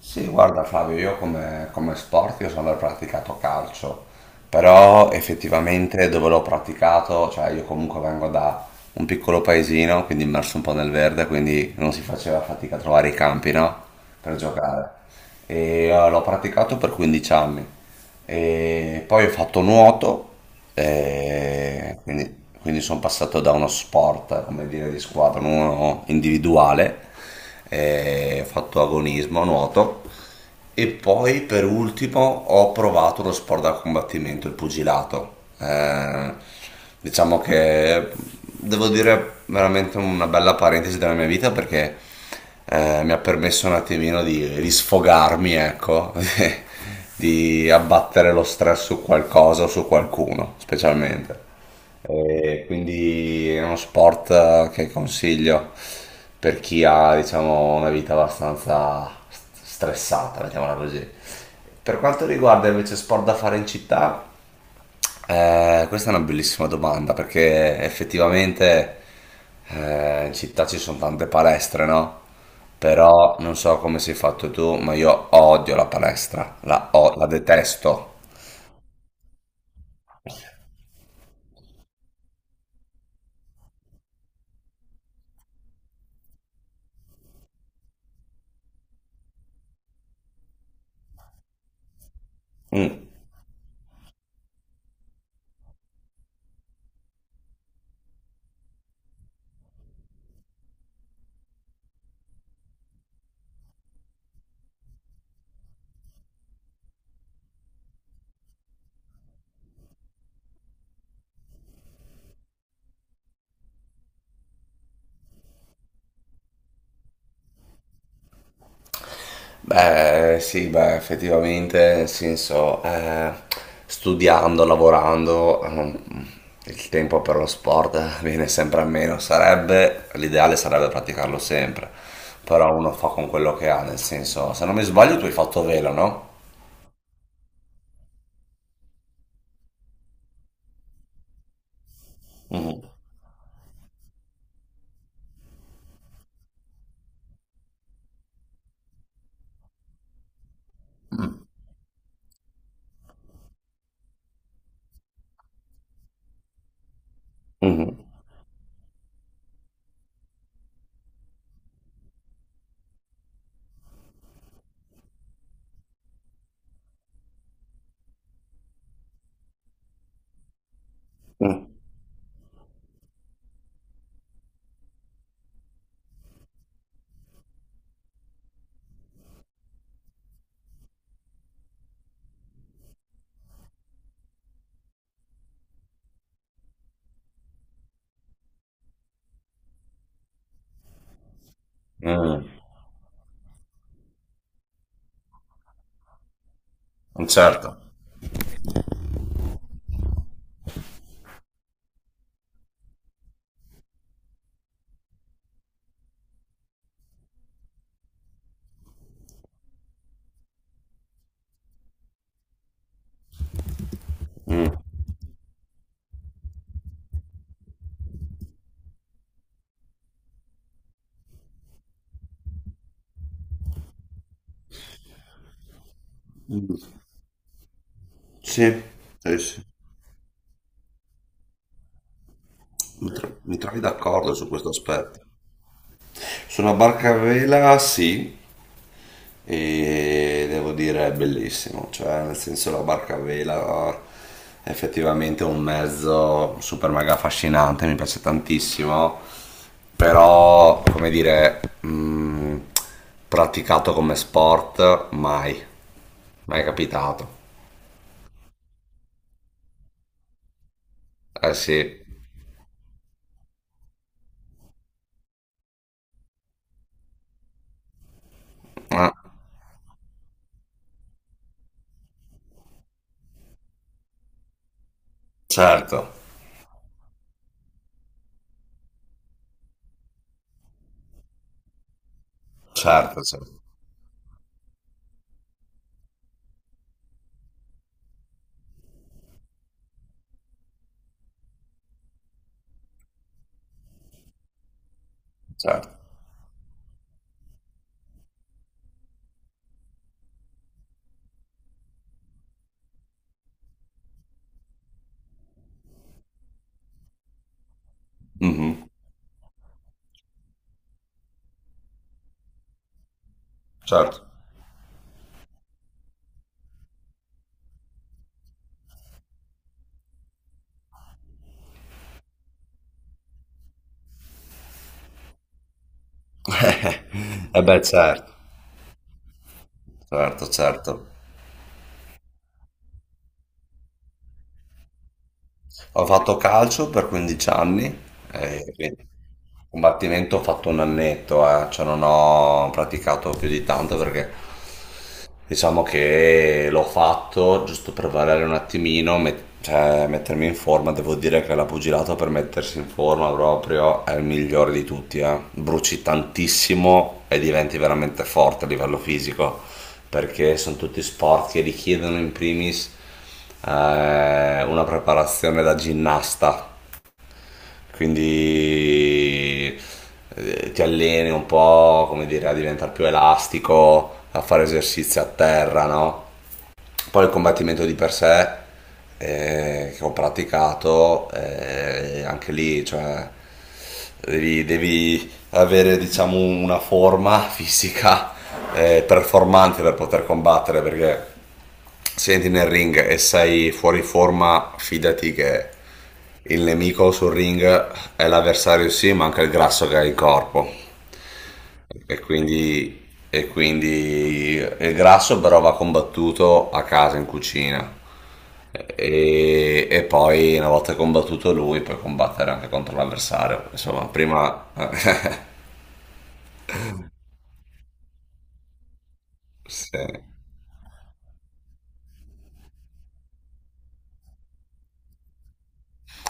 Sì, guarda Flavio, io come sport io sono praticato calcio, però effettivamente dove l'ho praticato, cioè io comunque vengo da un piccolo paesino, quindi immerso un po' nel verde, quindi non si faceva fatica a trovare i campi, no? Per giocare. L'ho praticato per 15 anni. E poi ho fatto nuoto, e quindi, quindi sono passato da uno sport, come dire, di squadra, uno individuale, e ho fatto agonismo, nuoto. E poi per ultimo ho provato lo sport da combattimento, il pugilato. Diciamo che devo dire veramente una bella parentesi della mia vita perché mi ha permesso un attimino di sfogarmi, ecco, di abbattere lo stress su qualcosa o su qualcuno, specialmente. E quindi è uno sport che consiglio per chi ha, diciamo, una vita abbastanza stressata, mettiamola così. Per quanto riguarda invece sport da fare in città, questa è una bellissima domanda perché effettivamente in città ci sono tante palestre, no? Però non so come sei fatto tu, ma io odio la palestra, la detesto. Mm. Beh, sì, beh, effettivamente, nel senso, studiando, lavorando, il tempo per lo sport viene sempre a meno. L'ideale sarebbe praticarlo sempre, però uno fa con quello che ha, nel senso, se non mi sbaglio, tu hai fatto velo, no? Mhm. Mm. Mhm. Mm. Mm. Certo. Mm. Sì, sì, sì. Mi trovi d'accordo su questo aspetto. Su una barca a vela sì, e devo dire è bellissimo, cioè nel senso la barca a vela è effettivamente un mezzo super mega affascinante, mi piace tantissimo, però come dire, praticato come sport mai, mai capitato. Eh sì. Ah, certo, certo, certo, certo. Mhm, certo. Eh beh, certo. Certo, certo. Ho fatto calcio per 15 anni, e quindi combattimento ho fatto un annetto, cioè non ho praticato più di tanto perché diciamo che l'ho fatto giusto per variare un attimino, cioè mettermi in forma. Devo dire che la pugilato per mettersi in forma proprio è il migliore di tutti, eh. Bruci tantissimo e diventi veramente forte a livello fisico, perché sono tutti sport che richiedono in primis una preparazione da ginnasta, quindi ti alleni un po', come dire, a diventare più elastico, a fare esercizi a terra, no? Poi il combattimento di per sé che ho praticato, anche lì cioè, devi avere diciamo, una forma fisica performante per poter combattere perché se entri nel ring e sei fuori forma, fidati che il nemico sul ring è l'avversario sì, ma anche il grasso che hai in corpo. E quindi il grasso però va combattuto a casa, in cucina. E poi una volta combattuto lui puoi combattere anche contro l'avversario. Insomma, prima... sì.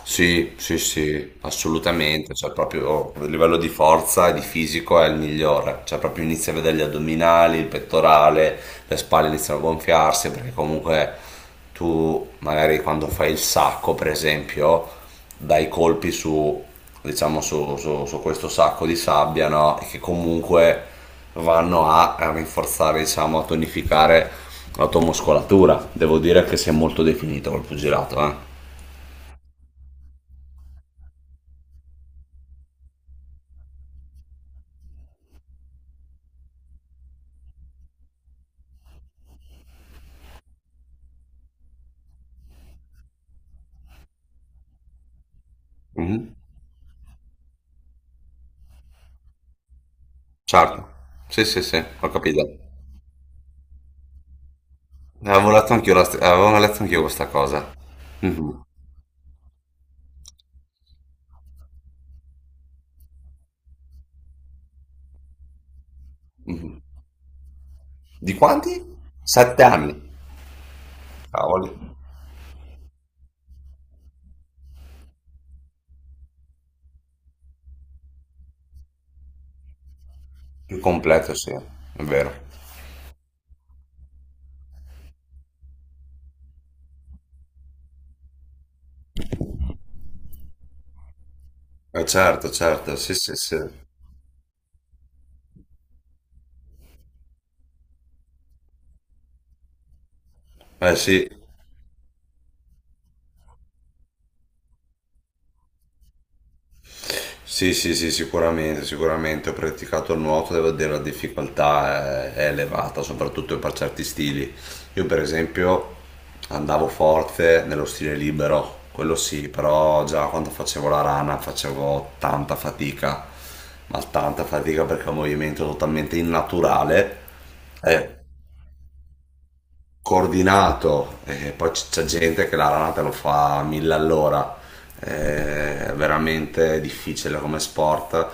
Sì, sì, sì, assolutamente, cioè proprio a livello di forza e di fisico è il migliore, cioè proprio inizi a vedere gli addominali, il pettorale, le spalle iniziano a gonfiarsi perché comunque tu magari quando fai il sacco, per esempio, dai colpi su, diciamo, su questo sacco di sabbia, no? E che comunque vanno a rinforzare, diciamo, a tonificare la tua muscolatura. Devo dire che si è molto definito col pugilato, eh. Mhm. Certo, sì, sì, sì, ho capito. Avevo letto avevo letto anch'io questa cosa. Mhm, mhm. Di quanti? Sette anni. Cavoli. Il completo, sì, è vero. Certo, certo, sì, sì, sì. Eh sì. Sì, sì, sì, sicuramente, sicuramente. Ho praticato il nuoto, devo dire la difficoltà è elevata, soprattutto per certi stili. Io per esempio andavo forte nello stile libero, quello sì, però già quando facevo la rana facevo tanta fatica, ma tanta fatica perché è un movimento totalmente innaturale. Eh, coordinato, e poi c'è gente che la ranata lo fa a mille all'ora, è veramente difficile come sport,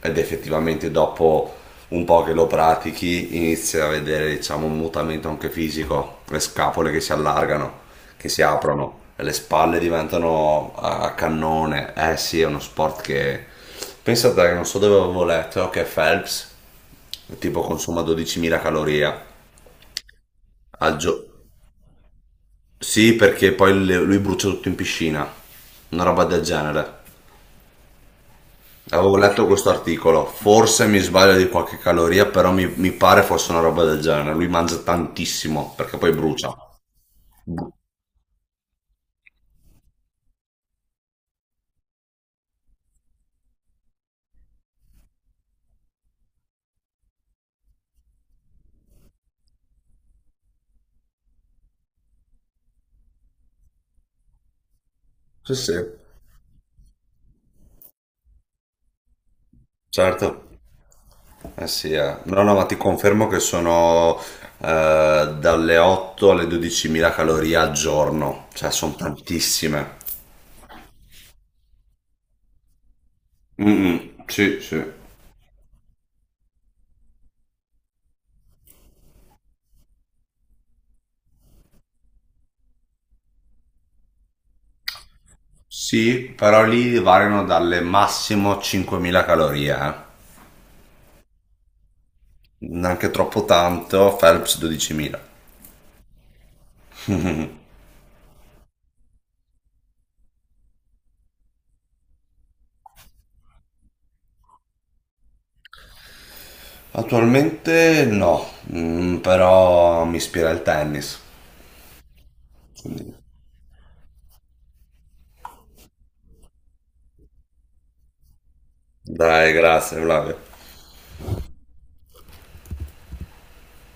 ed effettivamente dopo un po' che lo pratichi inizi a vedere diciamo un mutamento anche fisico, le scapole che si allargano, che si aprono, le spalle diventano a cannone. Eh sì, è uno sport che, pensate, che non so dove avevo letto che Phelps tipo consuma 12.000 calorie al giorno, sì, perché poi lui brucia tutto in piscina, una roba del genere. Avevo letto questo articolo, forse mi sbaglio di qualche caloria, però mi pare fosse una roba del genere. Lui mangia tantissimo perché poi brucia. Sì, sì. Certo. Eh sì, eh. No, no, ma ti confermo che sono dalle 8 alle 12.000 calorie al giorno, cioè sono tantissime. Mm, mm, sì, sì. Sì, però lì variano dalle massimo 5.000 calorie, eh. Neanche troppo tanto, Phelps 12.000. Attualmente no, mm, però mi ispira il tennis. Dai, grazie Flavio.